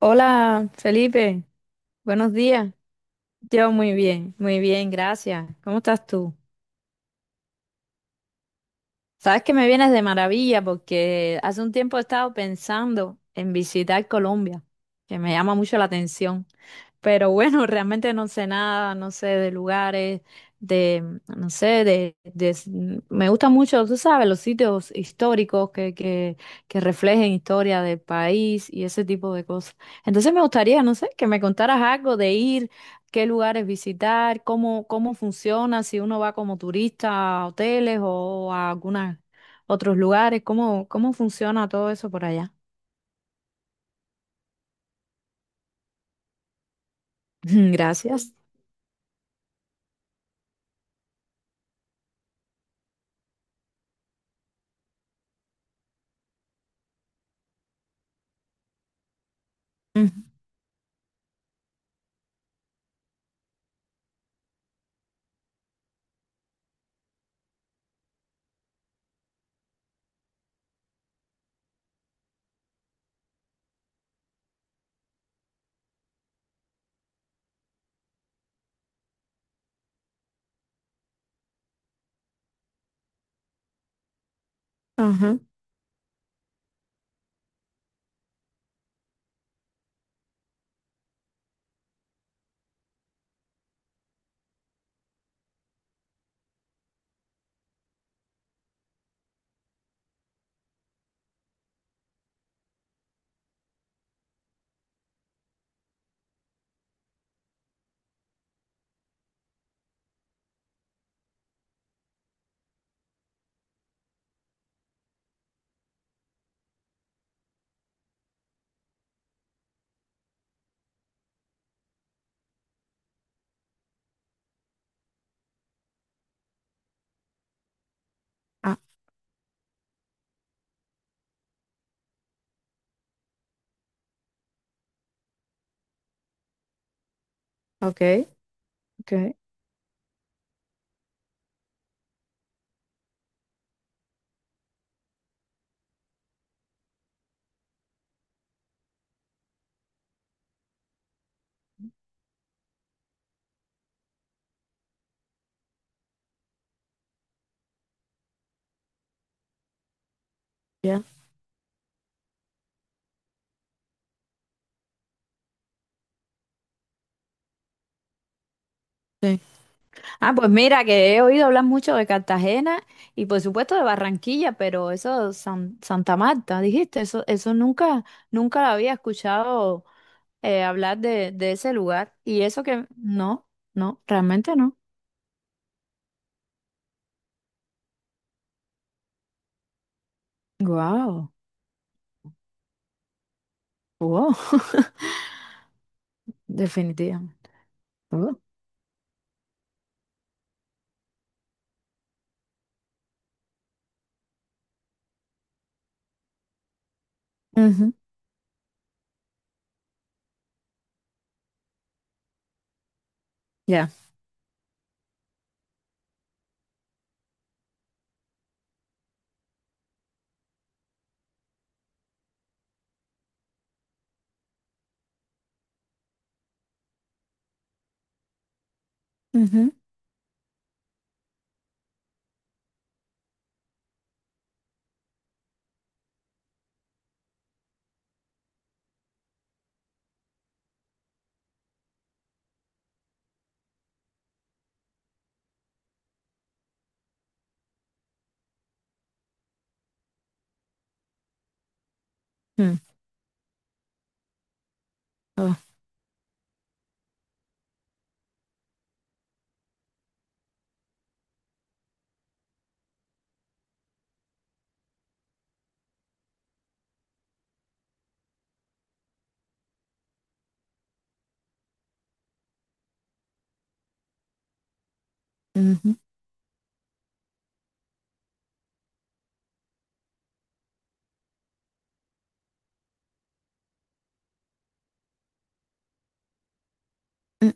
Hola, Felipe. Buenos días. Yo muy bien, gracias. ¿Cómo estás tú? Sabes que me vienes de maravilla porque hace un tiempo he estado pensando en visitar Colombia, que me llama mucho la atención. Pero bueno, realmente no sé nada, no sé de lugares, de, no sé, me gusta mucho, tú sabes, los sitios históricos que reflejen historia del país y ese tipo de cosas. Entonces me gustaría, no sé, que me contaras algo de ir qué lugares visitar, cómo, cómo funciona, si uno va como turista a hoteles o a algunos otros lugares, cómo, cómo funciona todo eso por allá. Gracias. Ujú. Ajá. Ah, ok, ok, ya. Sí. Ah, pues mira, que he oído hablar mucho de Cartagena y por supuesto de Barranquilla, pero eso, Santa Marta, dijiste, eso nunca, nunca había escuchado hablar de ese lugar. Y eso que, no, no, realmente no. Wow. Wow, definitivamente. Oh, ujú. Ya. Ujú, mm, oh, ujú, mm.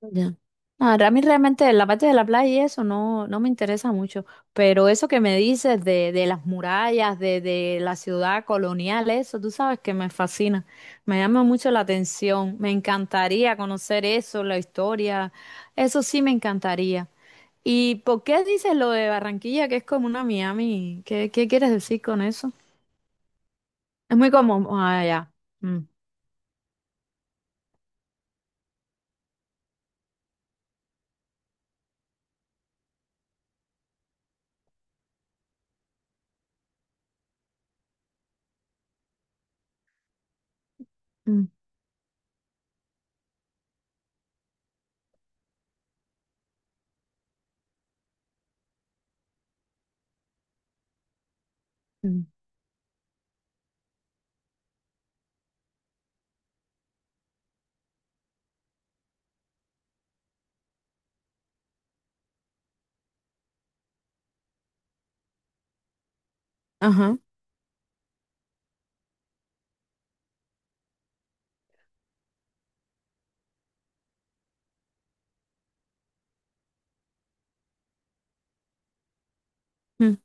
Ya. Ahora, a mí realmente la parte de la playa y eso no, no me interesa mucho, pero eso que me dices de las murallas, de la ciudad colonial, eso, tú sabes que me fascina, me llama mucho la atención, me encantaría conocer eso, la historia, eso sí me encantaría. ¿Y por qué dices lo de Barranquilla, que es como una Miami? ¿Qué, qué quieres decir con eso? Es muy común. Ah, ya. Mm, mm, mm. Ajá. Mm,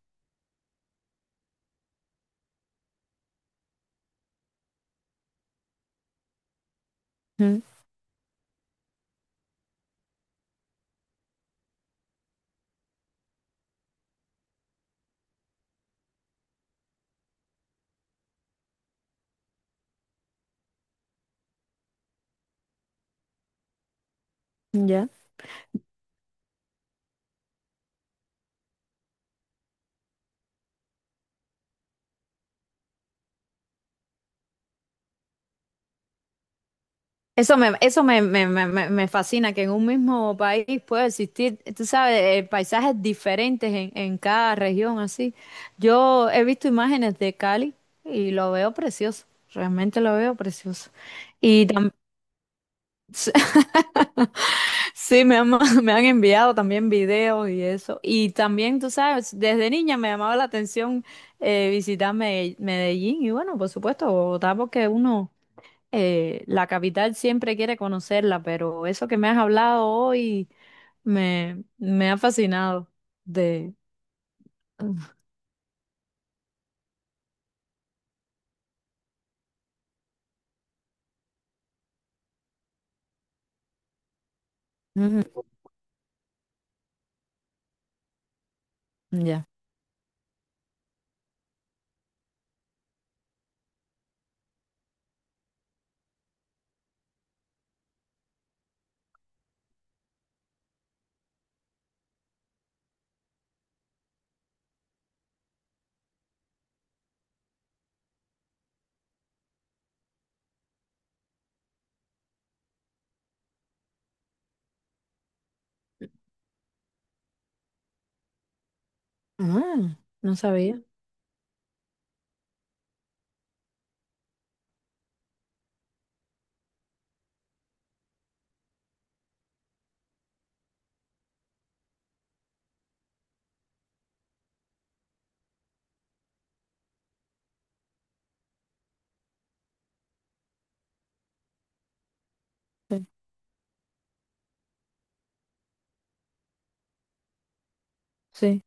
mm. Ya. Eso me fascina, que en un mismo país puede existir, tú sabes, paisajes diferentes en cada región, así. Yo he visto imágenes de Cali y lo veo precioso, realmente lo veo precioso. Y también, sí, me han, me han enviado también videos y eso. Y también, tú sabes, desde niña me llamaba la atención visitar Medellín y bueno, por supuesto, Bogotá, porque uno, la capital siempre quiere conocerla, pero eso que me has hablado hoy me, me ha fascinado de... Ujú. Ya. Ah, no sabía. Sí. Sí.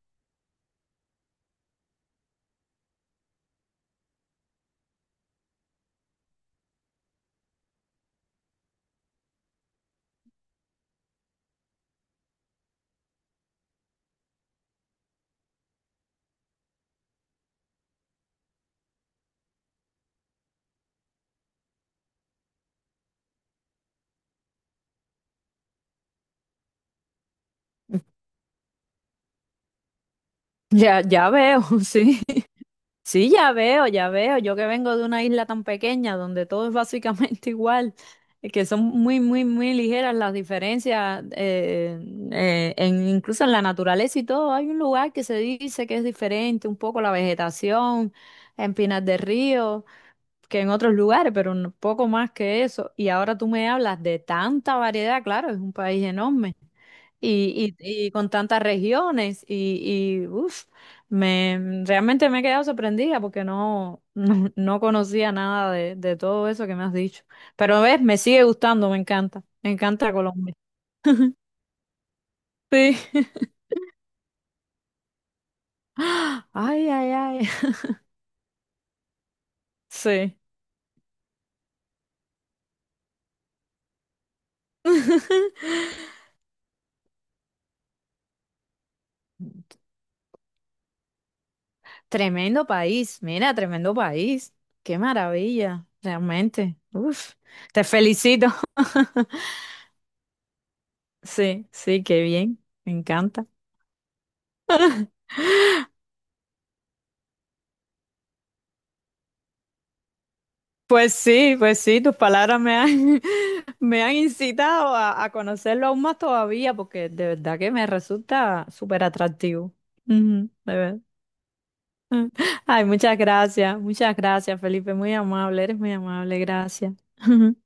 Ya, ya veo, sí. Sí, ya veo, ya veo. Yo que vengo de una isla tan pequeña donde todo es básicamente igual, que son muy, muy, muy ligeras las diferencias, en, incluso en la naturaleza y todo. Hay un lugar que se dice que es diferente, un poco la vegetación en Pinar del Río que en otros lugares, pero un poco más que eso. Y ahora tú me hablas de tanta variedad, claro, es un país enorme y con tantas regiones y uf, me, realmente me he quedado sorprendida porque no, no, no conocía nada de, de todo eso que me has dicho. Pero ves, me sigue gustando, me encanta Colombia. Sí. Ay, ay, ay. Sí. Tremendo país, mira, tremendo país. Qué maravilla, realmente. Uf, te felicito. Sí, sí, qué bien, me encanta. Pues sí, tus palabras me han, me han incitado a conocerlo aún más todavía, porque de verdad que me resulta súper atractivo. Ujú, de verdad. Ah, ay, muchas gracias, Felipe, muy amable, eres muy amable, gracias.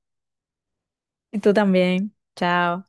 Y tú también, chao.